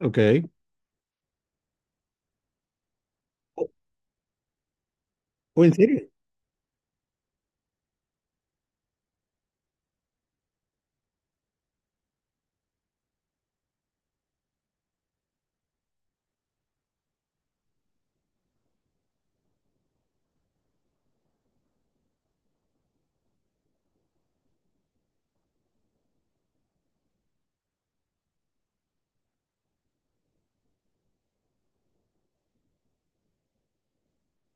Ok. ¿O en serio?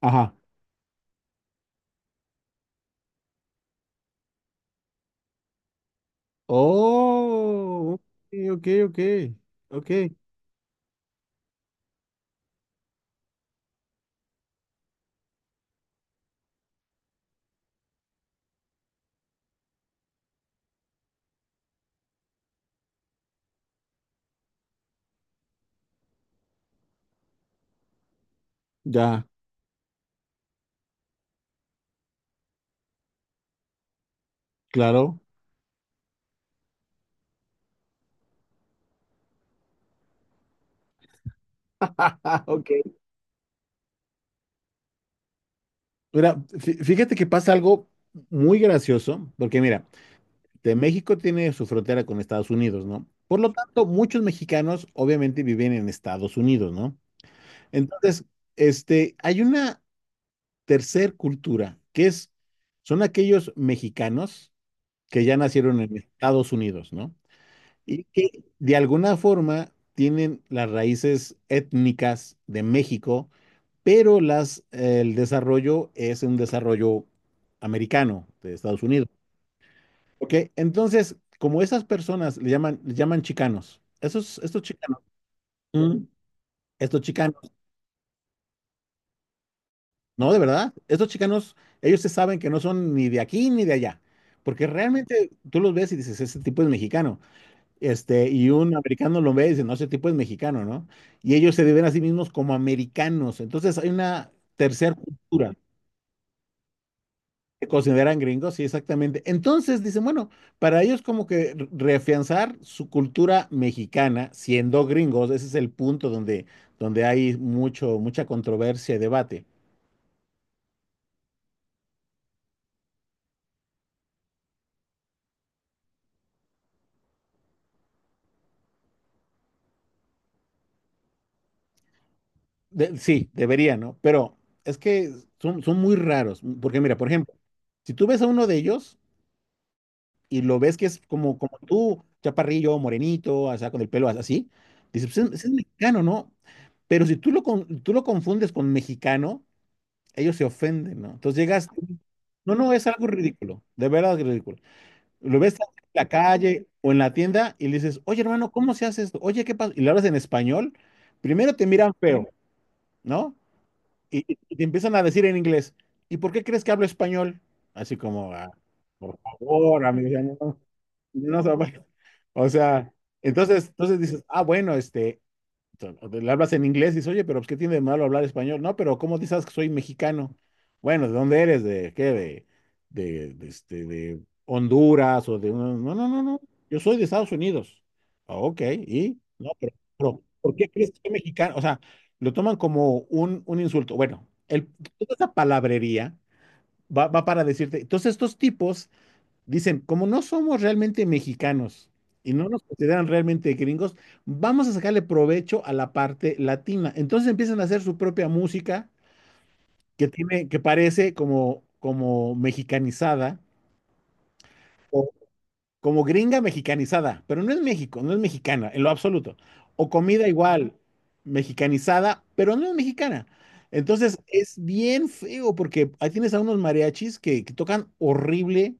Ajá. Oh, ok, ok, ok. Ok, ya, claro. Ok. Mira, fíjate que pasa algo muy gracioso, porque mira, de México tiene su frontera con Estados Unidos, ¿no? Por lo tanto, muchos mexicanos obviamente viven en Estados Unidos, ¿no? Entonces, hay una tercer cultura, que es, son aquellos mexicanos que ya nacieron en Estados Unidos, ¿no? Y que de alguna forma tienen las raíces étnicas de México, pero el desarrollo es un desarrollo americano de Estados Unidos. ¿Ok? Entonces, como esas personas le llaman chicanos, estos chicanos, mm, estos chicanos, no, de verdad, estos chicanos, ellos se saben que no son ni de aquí ni de allá, porque realmente tú los ves y dices, ese tipo es mexicano. Este, y un americano lo ve y dice, no, ese tipo es mexicano, ¿no? Y ellos se ven a sí mismos como americanos. Entonces hay una tercera cultura. Se consideran gringos, sí, exactamente. Entonces dicen, bueno, para ellos como que reafianzar su cultura mexicana siendo gringos, ese es el punto donde, donde hay mucho, mucha controversia y debate. Sí, debería, ¿no? Pero es que son, son muy raros, porque mira, por ejemplo, si tú ves a uno de ellos, y lo ves que es como, como tú, chaparrillo, morenito, o sea, con el pelo así, dices, pues es mexicano, ¿no? Pero si tú lo, tú lo confundes con mexicano, ellos se ofenden, ¿no? Entonces llegas, no, no, es algo ridículo, de verdad es ridículo. Lo ves en la calle o en la tienda y le dices, oye, hermano, ¿cómo se hace esto? Oye, ¿qué pasa? Y le hablas en español, primero te miran feo, ¿no? Y, y te empiezan a decir en inglés, ¿y por qué crees que hablo español? Así como, "Ah, por favor, amigo, ya no, no se vaya". O sea, entonces, entonces dices, ah, bueno, este, o sea, le hablas en inglés y dices, oye, pero pues, ¿qué tiene de malo hablar español? No, pero ¿cómo dices que soy mexicano? Bueno, ¿de dónde eres? ¿De qué? ¿De, este, de Honduras o de... No, no, no, no. Yo soy de Estados Unidos. Ah, ok, ¿y? No, pero, ¿por qué crees que soy mexicano? O sea, lo toman como un insulto. Bueno, el, toda esa palabrería va, va para decirte, entonces estos tipos dicen, como no somos realmente mexicanos y no nos consideran realmente gringos, vamos a sacarle provecho a la parte latina. Entonces empiezan a hacer su propia música que tiene, que parece como, como mexicanizada o, como gringa mexicanizada, pero no es México, no es mexicana en lo absoluto. O comida igual, mexicanizada, pero no es mexicana. Entonces es bien feo porque ahí tienes a unos mariachis que tocan horrible,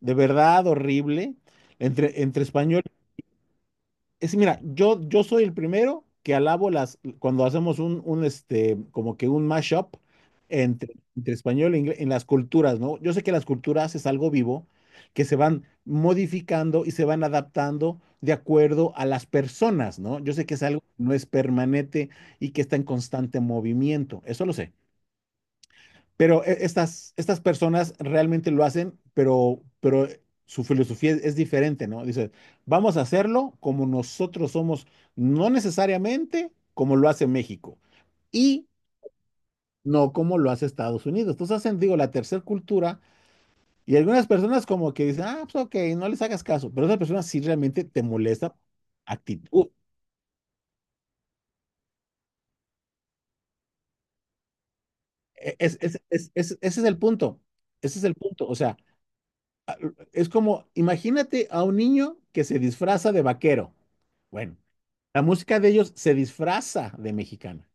de verdad horrible, entre, entre español es, mira, yo soy el primero que alabo las, cuando hacemos un este, como que un mashup entre, entre español e inglés, en las culturas, ¿no? Yo sé que las culturas es algo vivo, que se van modificando y se van adaptando de acuerdo a las personas, ¿no? Yo sé que es algo que no es permanente y que está en constante movimiento, eso lo sé. Pero estas, estas personas realmente lo hacen, pero su filosofía es diferente, ¿no? Dice, vamos a hacerlo como nosotros somos, no necesariamente como lo hace México y no como lo hace Estados Unidos. Entonces hacen, digo, la tercera cultura y algunas personas como que dicen, ah, pues ok, no les hagas caso, pero otras personas sí realmente te molesta actitud. Ese es el punto, ese es el punto, o sea. Es como, imagínate a un niño que se disfraza de vaquero. Bueno, la música de ellos se disfraza de mexicana,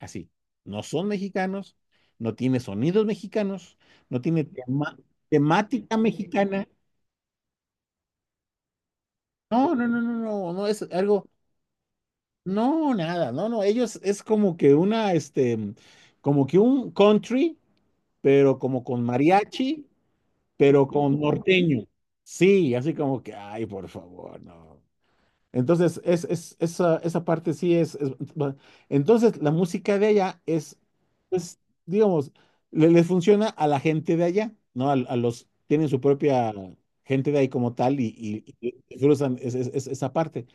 así. No son mexicanos, no tiene sonidos mexicanos, no tiene temática mexicana. No, no, no, no, no, no es algo, no, nada, no, no, ellos es como que una, este, como que un country, pero como con mariachi, pero con norteño. Sí, así como que, ay, por favor, no. Entonces, es, esa, esa parte sí es, va- entonces, la música de allá es, pues, digamos, le, les funciona a la gente de allá, ¿no? A los, tienen su propia gente de ahí como tal y cruzan esa parte,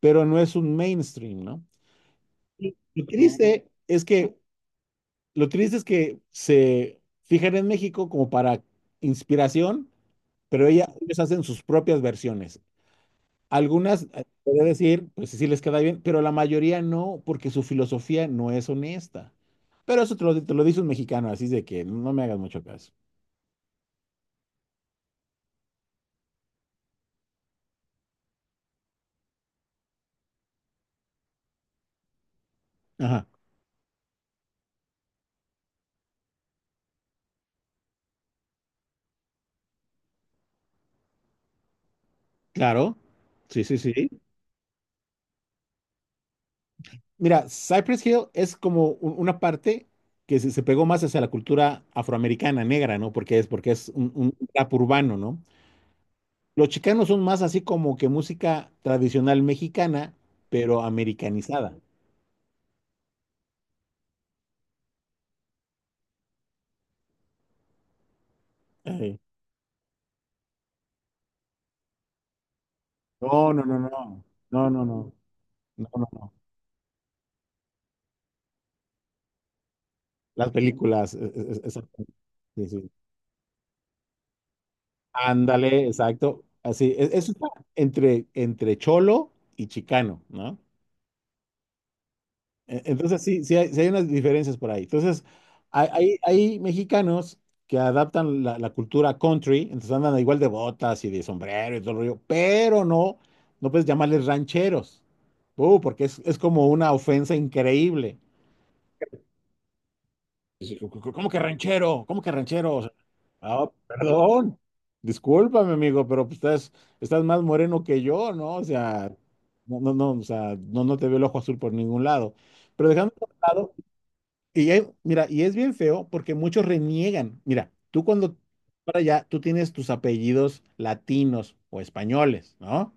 pero no es un mainstream, ¿no? Lo triste es que, lo triste es que se fijan en México como para inspiración, pero ella, ellos hacen sus propias versiones. Algunas, podría decir, pues sí sí les queda bien, pero la mayoría no, porque su filosofía no es honesta. Pero eso te lo dice un mexicano, así de que no me hagas mucho caso. Ajá, claro. Sí, sí, sí. Mira, Cypress Hill es como una parte que se pegó más hacia la cultura afroamericana, negra, ¿no? Porque es un rap urbano, ¿no? Los chicanos son más así como que música tradicional mexicana, pero americanizada. Ajá. No, no, no, no. No, no, no. No, no, no. Las películas, exacto. Sí, sí. Ándale, exacto. Así, eso está entre, entre cholo y chicano, ¿no? Entonces sí, sí hay unas diferencias por ahí. Entonces, hay mexicanos que adaptan la, la cultura country, entonces andan igual de botas y de sombrero y todo el rollo, pero no, no puedes llamarles rancheros. Porque es como una ofensa increíble. Sí, ¿cómo que ranchero? ¿Cómo que ranchero? O sea, ah, perdón. Discúlpame, amigo, pero pues, estás, estás más moreno que yo, ¿no? O sea, no, no, no, o sea, no, no te veo el ojo azul por ningún lado. Pero dejando de lado, y mira, y es bien feo porque muchos reniegan. Mira, tú cuando para allá, tú tienes tus apellidos latinos o españoles, ¿no?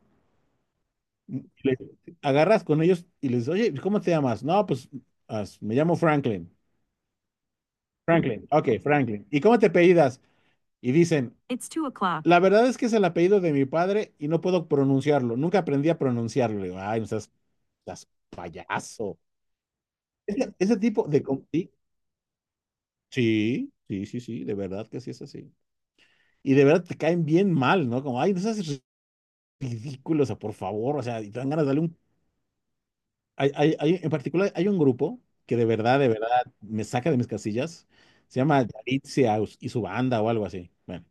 Y agarras con ellos y les dices, oye, ¿cómo te llamas? No, pues me llamo Franklin. Franklin, ok, Franklin. ¿Y cómo te apellidas? Y dicen, It's two o'clock. La verdad es que es el apellido de mi padre y no puedo pronunciarlo. Nunca aprendí a pronunciarlo. Le digo, ay, no seas, seas payaso. Ese tipo de... Sí, sí, sí, sí, sí, de verdad que sí es así. Y de verdad te caen bien mal, ¿no? Como, ay, no seas ridículo, o sea, por favor, o sea, y te dan ganas de darle un... Hay, en particular, hay un grupo que de verdad, me saca de mis casillas. Se llama Yalitza y su banda o algo así. Bueno,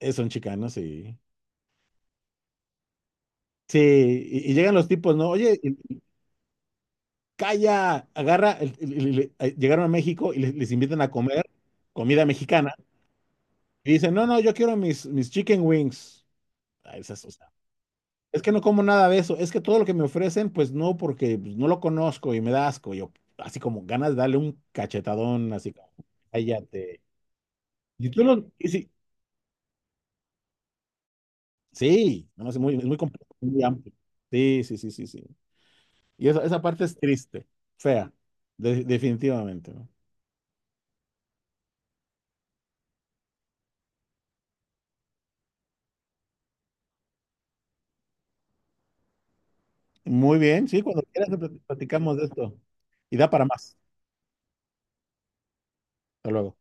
son chicanos y... Sí, sí, y llegan los tipos, ¿no? Oye, calla, agarra, llegaron a México y les invitan a comer comida mexicana. Y dicen, no, no, yo quiero mis, mis chicken wings. Ah, esas, o sea, es que no como nada de eso, es que todo lo que me ofrecen, pues no, porque pues, no lo conozco y me da asco. Yo, así como ganas de darle un cachetadón, así como, cállate. Y tú lo, y sí, sí, no, es muy complejo, muy amplio. Sí, sí, sí, sí, sí. Y esa parte es triste, fea, definitivamente. ¿No? Muy bien, sí, cuando quieras platicamos de esto. Y da para más. Hasta luego.